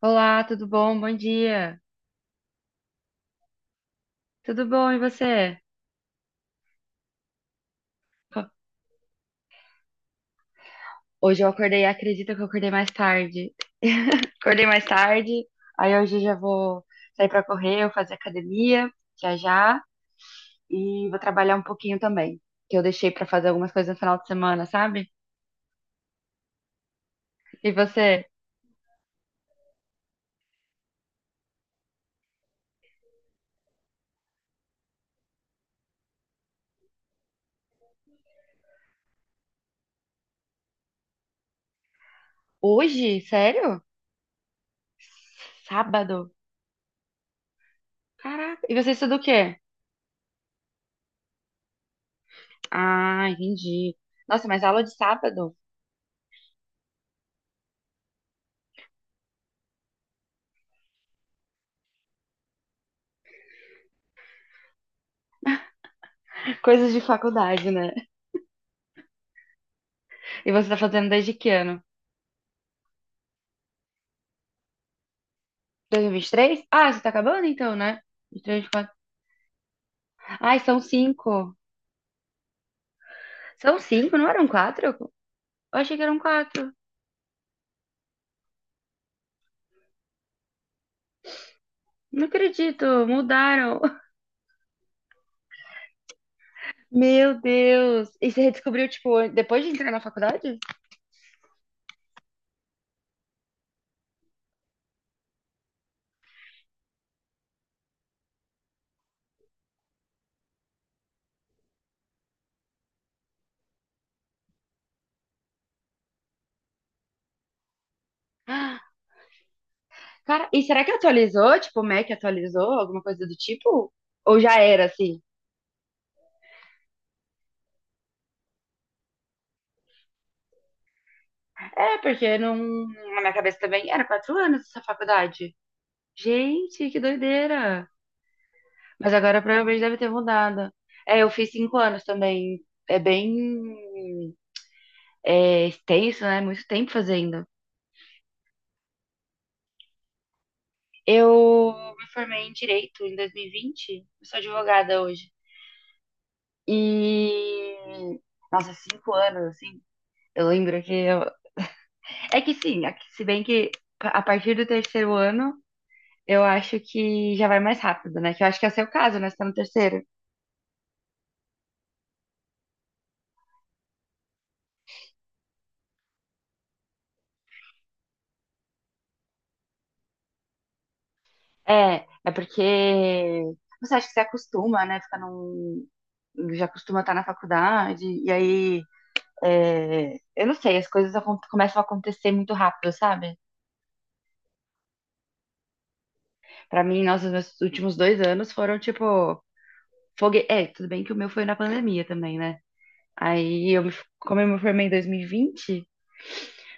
Olá, tudo bom? Bom dia. Tudo bom, e você? Hoje eu acordei, acredita que eu acordei mais tarde. Acordei mais tarde, aí hoje eu já vou sair pra correr, eu fazer academia, já já, e vou trabalhar um pouquinho também, que eu deixei pra fazer algumas coisas no final de semana, sabe? E você? Hoje? Sério? Sábado? Caraca, e você estuda o quê? Ah, entendi. Nossa, mas aula de sábado? Coisas de faculdade, né? E você tá fazendo desde que ano? Dois mil e vinte e três. Ah, você tá acabando então, né? 23, quatro. Ai, são cinco. São cinco, não eram quatro? Eu achei que eram quatro. Não acredito, mudaram. Meu Deus. E você descobriu, tipo, depois de entrar na faculdade? Ah, cara, e será que atualizou? Tipo, o Mac atualizou? Alguma coisa do tipo? Ou já era assim? É, porque não... na minha cabeça também era quatro anos essa faculdade. Gente, que doideira. Mas agora provavelmente deve ter mudado. É, eu fiz cinco anos também. É bem, extenso, né? Muito tempo fazendo. Eu me formei em direito em 2020. Eu sou advogada hoje. E. Nossa, cinco anos, assim. Eu lembro que. Eu... É que sim, é que se bem que a partir do terceiro ano, eu acho que já vai mais rápido, né? Que eu acho que é o seu caso, né? Você tá no terceiro. É porque você acha que você acostuma, né? Fica num. Já costuma estar na faculdade, e aí. É, eu não sei, as coisas começam a acontecer muito rápido, sabe? Pra mim, nossa, os meus últimos dois anos foram tipo. É, tudo bem que o meu foi na pandemia também, né? Aí, eu me, como eu me formei em 2020,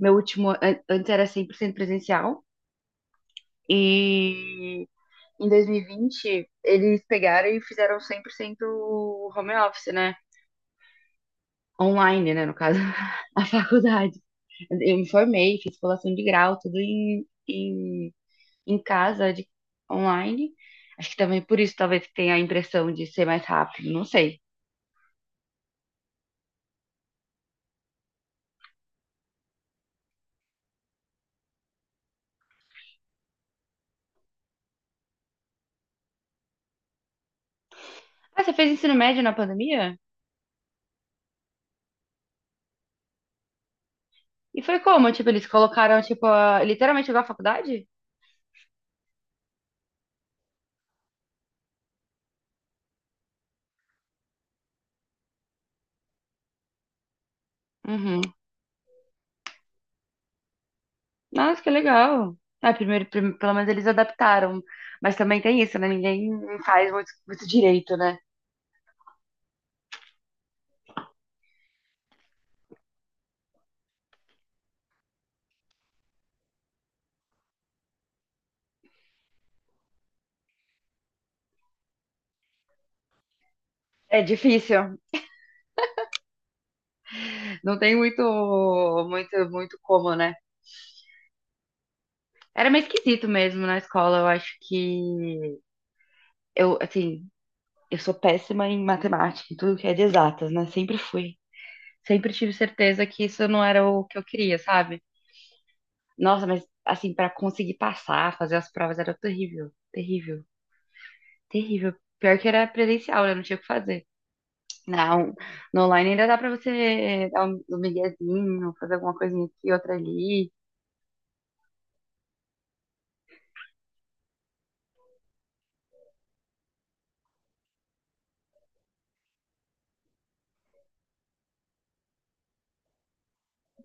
meu último. Antes era 100% presencial, e em 2020 eles pegaram e fizeram 100% home office, né? Online, né? No caso, a faculdade. Eu me formei, fiz colação de grau, tudo em, em casa, de, online. Acho que também por isso talvez tenha a impressão de ser mais rápido, não sei. Ah, você fez ensino médio na pandemia? E foi como? Tipo, eles colocaram, tipo, literalmente igual a faculdade? Uhum. Nossa, que legal. Ah, primeiro, pelo menos eles adaptaram. Mas também tem isso, né? Ninguém faz muito, muito direito, né? É difícil. Não tem muito, muito, muito como, né? Era meio esquisito mesmo na escola. Eu acho que eu, assim, eu sou péssima em matemática, em tudo que é de exatas, né? Sempre fui. Sempre tive certeza que isso não era o que eu queria, sabe? Nossa, mas assim, pra conseguir passar, fazer as provas era terrível, terrível, terrível. Pior que era presencial, né? Não tinha o que fazer. Não, no online ainda dá pra você dar um miguezinho, fazer alguma coisinha aqui, outra ali.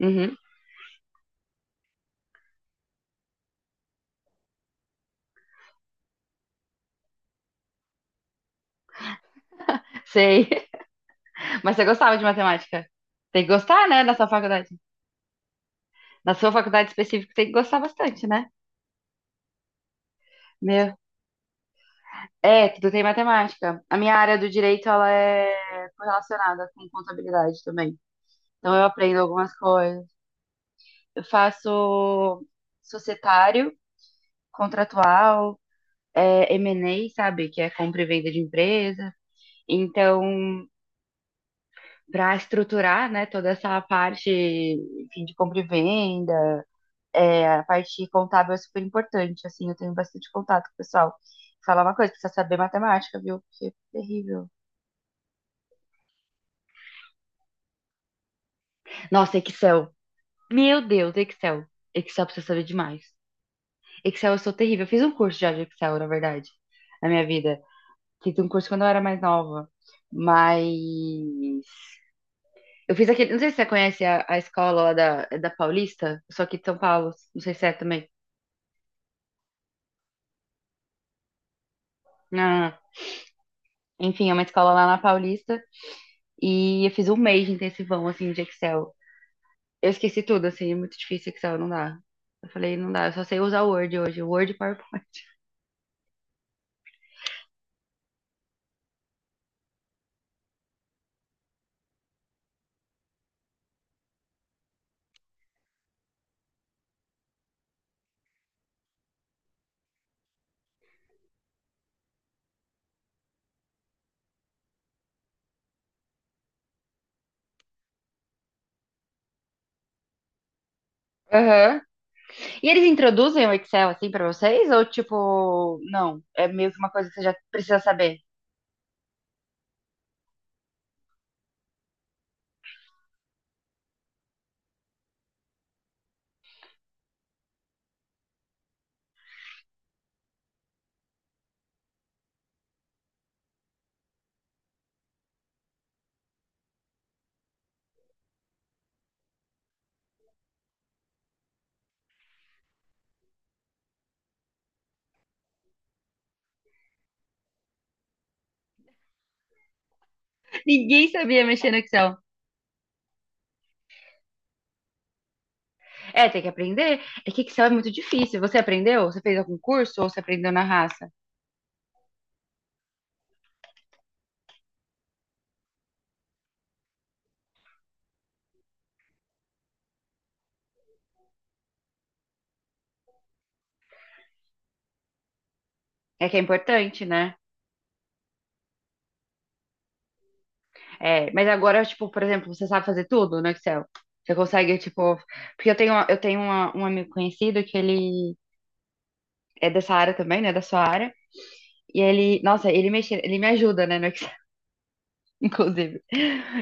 Uhum, sei. Mas você gostava de matemática? Tem que gostar, né, da sua faculdade? Na sua faculdade específica tem que gostar bastante, né? Meu. É, tudo tem matemática. A minha área do direito, ela é correlacionada com contabilidade também. Então eu aprendo algumas coisas. Eu faço societário, contratual, M&A, sabe? Que é compra e venda de empresa. Então, para estruturar, né, toda essa parte, enfim, de compra e venda. É, a parte contábil é super importante, assim, eu tenho bastante contato com o pessoal. Falar uma coisa, precisa saber matemática, viu? Porque é terrível. Nossa, Excel. Meu Deus, Excel. Excel precisa saber demais. Excel eu sou terrível. Eu fiz um curso já de Excel, na verdade, na minha vida. Fiz um curso quando eu era mais nova. Mas eu fiz aquele. Não sei se você conhece a escola lá da Paulista, eu sou aqui de São Paulo. Não sei se é também. Não, não, não. Enfim, é uma escola lá na Paulista. E eu fiz um mês de intensivão, assim, de Excel. Eu esqueci tudo, assim, é muito difícil Excel, não dá. Eu falei, não dá, eu só sei usar Word hoje, Word e PowerPoint. Aham. E eles introduzem o Excel, assim, pra vocês? Ou, tipo, não, é meio que uma coisa que você já precisa saber? Ninguém sabia mexer no Excel. É, tem que aprender. É que Excel é muito difícil. Você aprendeu? Você fez algum curso ou você aprendeu na raça? É que é importante, né? É, mas agora, tipo, por exemplo, você sabe fazer tudo no Excel? Você consegue, tipo... Porque eu tenho um amigo conhecido que ele é dessa área também, né, da sua área. E ele, nossa, ele mexer, ele me ajuda, né, no Excel, inclusive.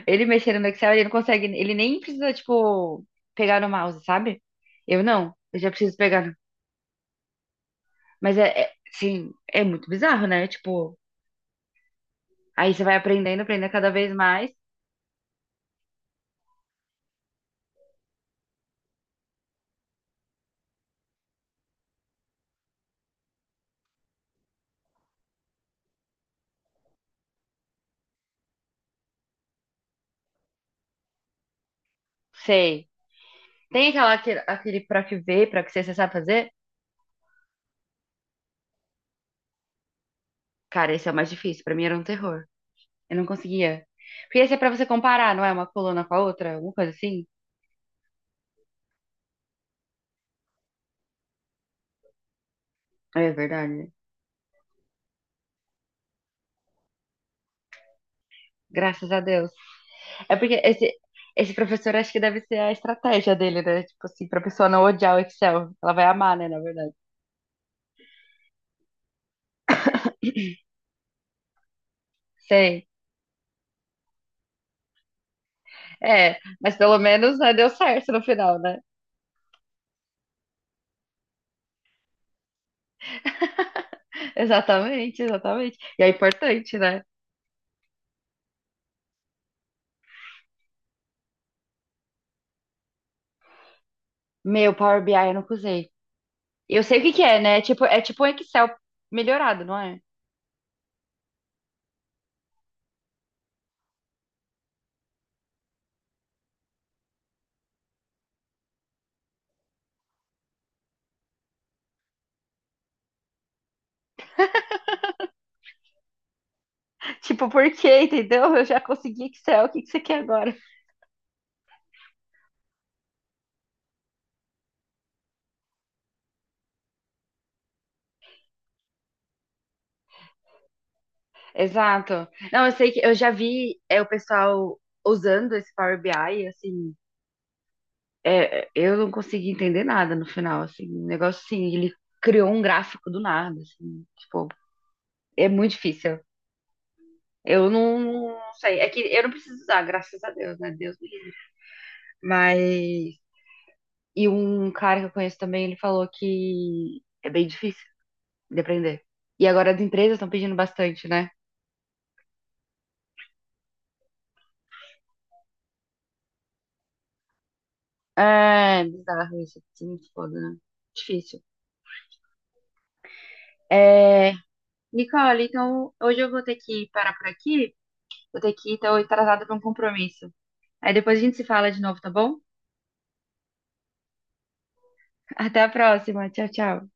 Ele mexendo no Excel, ele não consegue, ele nem precisa, tipo, pegar no mouse, sabe? Eu não, eu já preciso pegar. Mas é, sim, é muito bizarro, né? Tipo, aí você vai aprendendo, aprendendo cada vez mais. Sei. Tem aquela, aquele, pra que ver, pra que ser, você sabe fazer? Cara, esse é o mais difícil, pra mim era um terror. Eu não conseguia. Porque esse é pra você comparar, não é? Uma coluna com a outra, alguma coisa assim. É verdade. Graças a Deus. É porque esse professor acho que deve ser a estratégia dele, né? Tipo assim, pra pessoa não odiar o Excel. Ela vai amar, né, na verdade. Sei. É, mas pelo menos, né, deu certo no final, né? Exatamente, exatamente. E é importante, né? Meu, Power BI eu nunca usei. Eu sei o que que é, né? Tipo, é tipo um Excel melhorado, não é? Tipo, por quê, entendeu? Eu já consegui Excel, o que que você quer agora? Exato. Não, eu sei que eu já vi o pessoal usando esse Power BI, assim, eu não consegui entender nada no final, assim, o negócio assim, ele criou um gráfico do nada, assim, tipo, é muito difícil. Eu não, não sei, é que eu não preciso usar, graças a Deus, né? Deus me livre. Mas, e um cara que eu conheço também, ele falou que é bem difícil de aprender. E agora as empresas estão pedindo bastante, né? É, bizarro isso, assim, foda, né? Difícil. É, Nicole, então hoje eu vou ter que parar por aqui. Vou ter que então, ir, tô atrasada para um compromisso. Aí depois a gente se fala de novo, tá bom? Até a próxima. Tchau, tchau.